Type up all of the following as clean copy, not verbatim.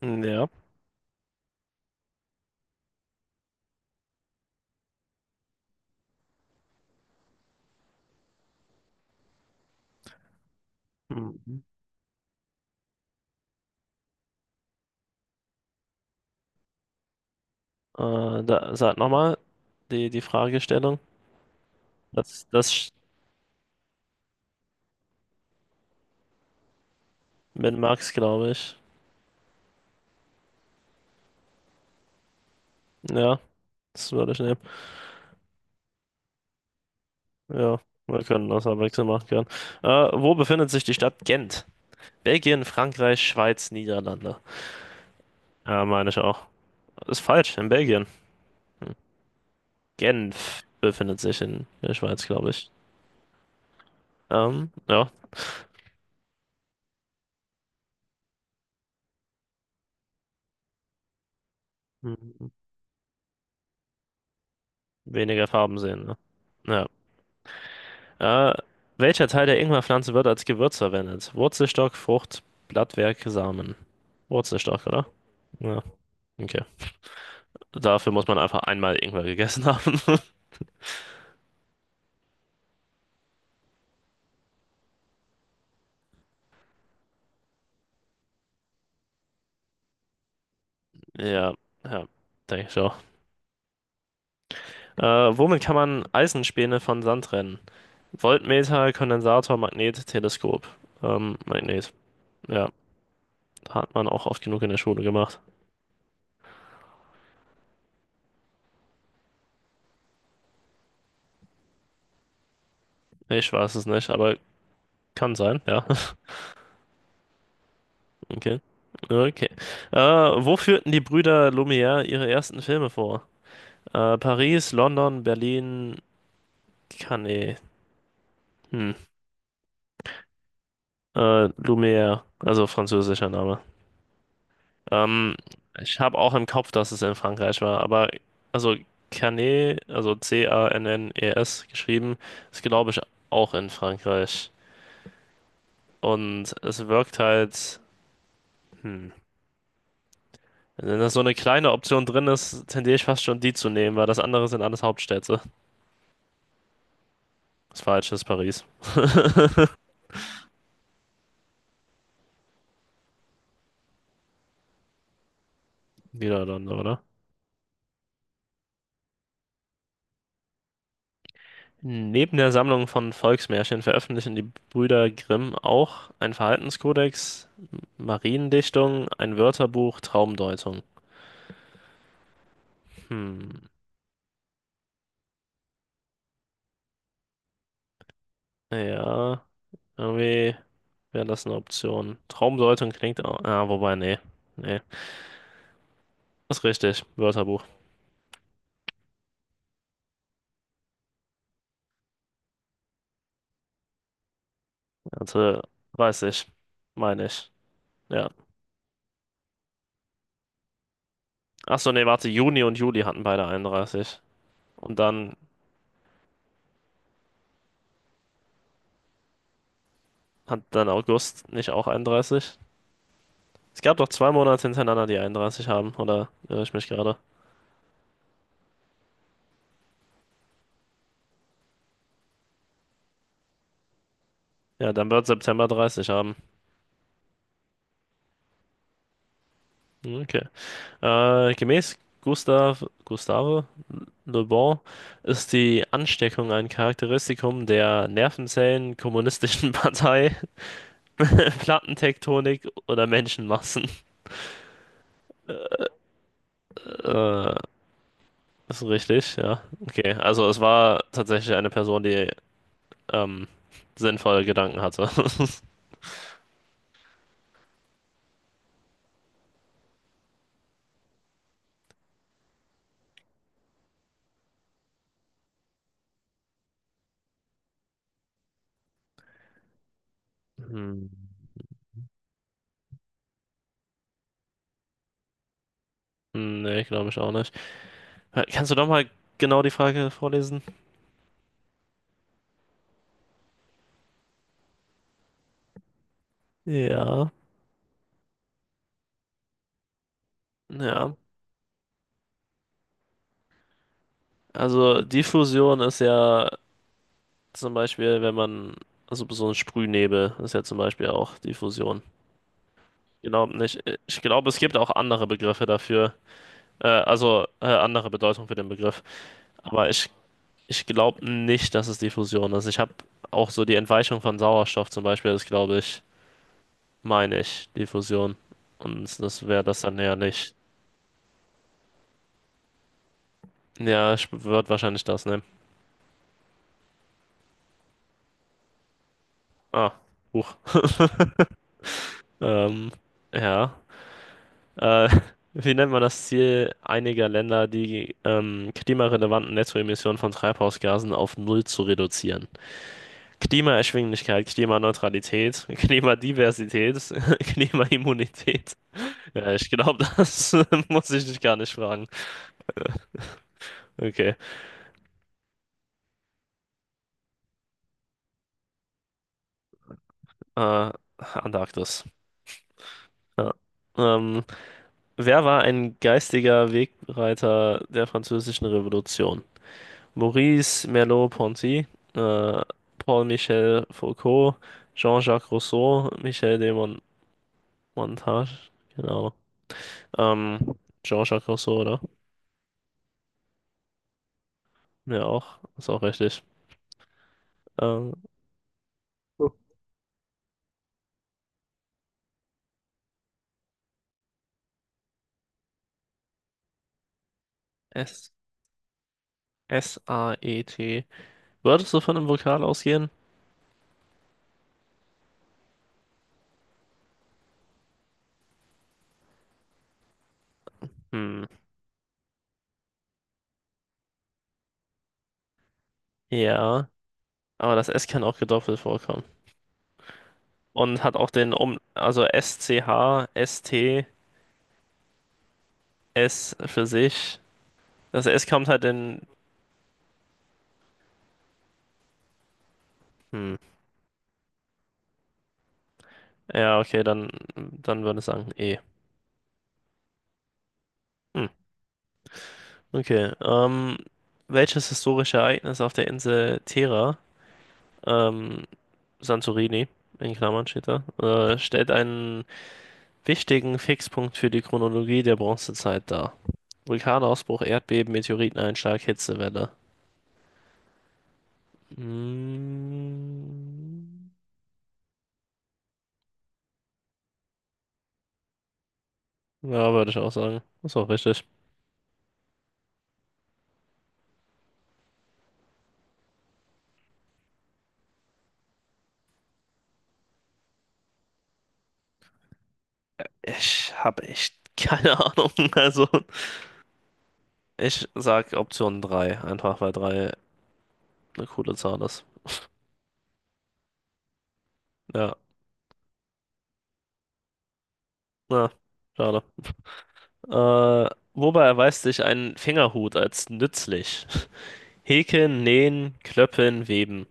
Ja. Mhm. Sag nochmal die Fragestellung. Das, das sch- mit Max, glaube ich. Ja, das würde ich nehmen. Ja, wir können das abwechselnd machen können. Äh, Wo befindet sich die Stadt Gent? Belgien, Frankreich, Schweiz, Niederlande. Ja, meine ich auch. Ist falsch, in Belgien. Hm. Genf befindet sich in der Schweiz, glaube ich. Ja. Mhm. Weniger Farben sehen, ne? Ja. Äh, welcher Teil der Ingwerpflanze wird als Gewürz verwendet? Wurzelstock, Frucht, Blattwerk, Samen. Wurzelstock, oder? Ja, okay. Dafür muss man einfach einmal Ingwer gegessen haben. Ja, ja, denke ich auch. Womit kann man Eisenspäne von Sand trennen? Voltmeter, Kondensator, Magnet, Teleskop. Magnet. Ja, hat man auch oft genug in der Schule gemacht. Ich weiß es nicht, aber kann sein, ja. Okay. Okay. Wo führten die Brüder Lumière ihre ersten Filme vor? Paris, London, Berlin, Cannes, hm, Lumière, also französischer Name. Ähm, ich habe auch im Kopf, dass es in Frankreich war, aber also Cannes, also C-A-N-N-E-S geschrieben, ist glaube ich auch in Frankreich. Und es wirkt halt, hm, wenn da so eine kleine Option drin ist, tendiere ich fast schon die zu nehmen, weil das andere sind alles Hauptstädte. Das falsche ist Paris, Niederlande, oder? Neben der Sammlung von Volksmärchen veröffentlichen die Brüder Grimm auch einen Verhaltenskodex, Mariendichtung, ein Wörterbuch, Traumdeutung. Hm, ja, irgendwie wäre das eine Option. Traumdeutung klingt auch, ah, wobei, nee, nee, ist richtig, Wörterbuch. Hatte 30, meine ich, ja. Achso, nee, warte, Juni und Juli hatten beide 31. Und dann hat dann August nicht auch 31? Es gab doch zwei Monate hintereinander, die 31 haben, oder irre ich mich gerade? Ja, dann wird September 30 haben. Okay. Gemäß Gustav, Gustave Le Bon ist die Ansteckung ein Charakteristikum der Nervenzellen, kommunistischen Partei, Plattentektonik oder Menschenmassen. Äh, ist richtig, ja. Okay, also es war tatsächlich eine Person, die ähm, sinnvolle Gedanken hatte. Hm. Nee, glaube ich auch nicht. Kannst du doch mal genau die Frage vorlesen? Ja. Ja. Also Diffusion ist ja zum Beispiel, wenn man, also so ein Sprühnebel ist ja zum Beispiel auch Diffusion. Genau nicht. Ich glaube, es gibt auch andere Begriffe dafür, andere Bedeutung für den Begriff. Aber ich, ich glaube nicht, dass es Diffusion ist. Ich habe auch so die Entweichung von Sauerstoff zum Beispiel, das glaube ich, meine ich, Diffusion. Und das wäre das dann ja nicht. Ja, ich würde wahrscheinlich das nehmen. Ah, Huch. Ähm, ja. Äh, wie nennt man das Ziel einiger Länder, die klimarelevanten Nettoemissionen von Treibhausgasen auf Null zu reduzieren? Klimaerschwinglichkeit, Klimaneutralität, Klimadiversität, Klimaimmunität. Ja, ich glaube, das muss ich dich gar nicht fragen. Okay. Äh, Antarktis. Ja. Ähm, wer war ein geistiger Wegbereiter der Französischen Revolution? Maurice Merleau-Ponty, äh, Paul-Michel Foucault, Jean-Jacques Rousseau, Michel de Mon Montage, genau. Ähm, Jean-Jacques Rousseau, oder? Ja, auch. Ist auch richtig. Ähm, Oh. S S-A-E-T. Würdest du von einem Vokal ausgehen? Hm, ja. Aber das S kann auch gedoppelt vorkommen. Und hat auch den Um, also S-C-H, S-T, S T, S für sich. Das S kommt halt in. Hm. Ja, okay, dann würde ich sagen E. Hm, okay. Welches historische Ereignis auf der Insel Terra, ähm, Santorini, in Klammern steht da, stellt einen wichtigen Fixpunkt für die Chronologie der Bronzezeit dar? Vulkanausbruch, Erdbeben, Meteoriteneinschlag, Hitzewelle. Hm, ja, würde ich auch sagen. Ist auch richtig. Ich habe echt keine Ahnung. Also, ich sag Option 3, einfach weil 3 eine coole Zahl ist. Ja, na, schade. Wobei erweist sich ein Fingerhut als nützlich? Häkeln, nähen, klöppeln, weben.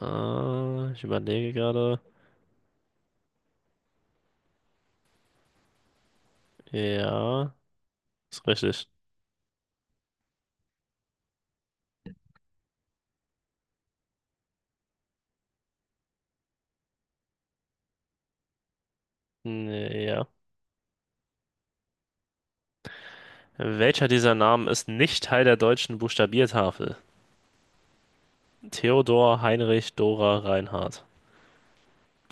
Ich überlege gerade. Ja, ist richtig. Nee, Ja. Welcher dieser Namen ist nicht Teil der deutschen Buchstabiertafel? Theodor, Heinrich, Dora, Reinhard.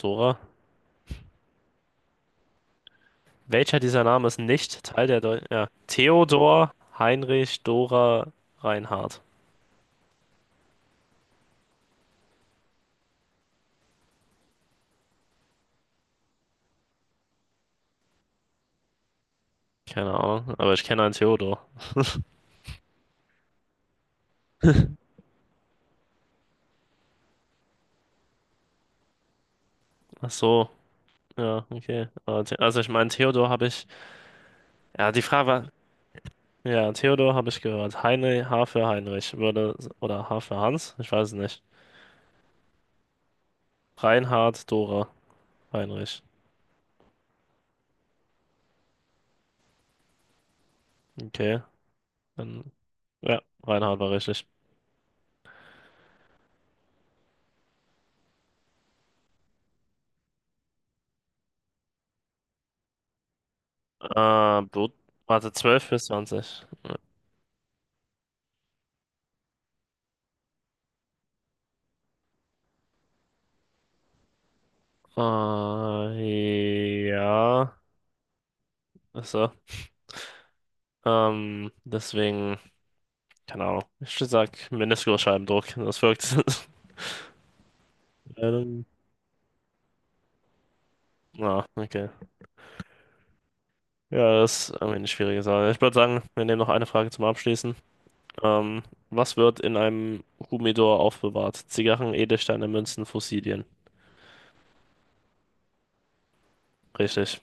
Dora? Welcher dieser Namen ist nicht Teil der deutschen... Ja. Theodor, Heinrich, Dora, Reinhard. Keine Ahnung, aber ich kenne einen Theodor. Ach so. Ja, okay. Also ich meine, Theodor habe ich. Ja, die Frage war. Ja, Theodor habe ich gehört. Heinrich H für Heinrich würde. Oder H für Hans? Ich weiß es nicht. Reinhard, Dora, Heinrich. Okay. Dann, ja, Reinhard war richtig. Blut. Warte, 12 bis 20 ja. Achso. Deswegen, keine Ahnung. Ich sag Meniskusscheibendruck. Das wirkt. Ähm, ja, okay. Ja, das ist irgendwie eine schwierige Sache. Ich würde sagen, wir nehmen noch eine Frage zum Abschließen. Ähm, was wird in einem Humidor aufbewahrt? Zigarren, Edelsteine, Münzen, Fossilien. Richtig.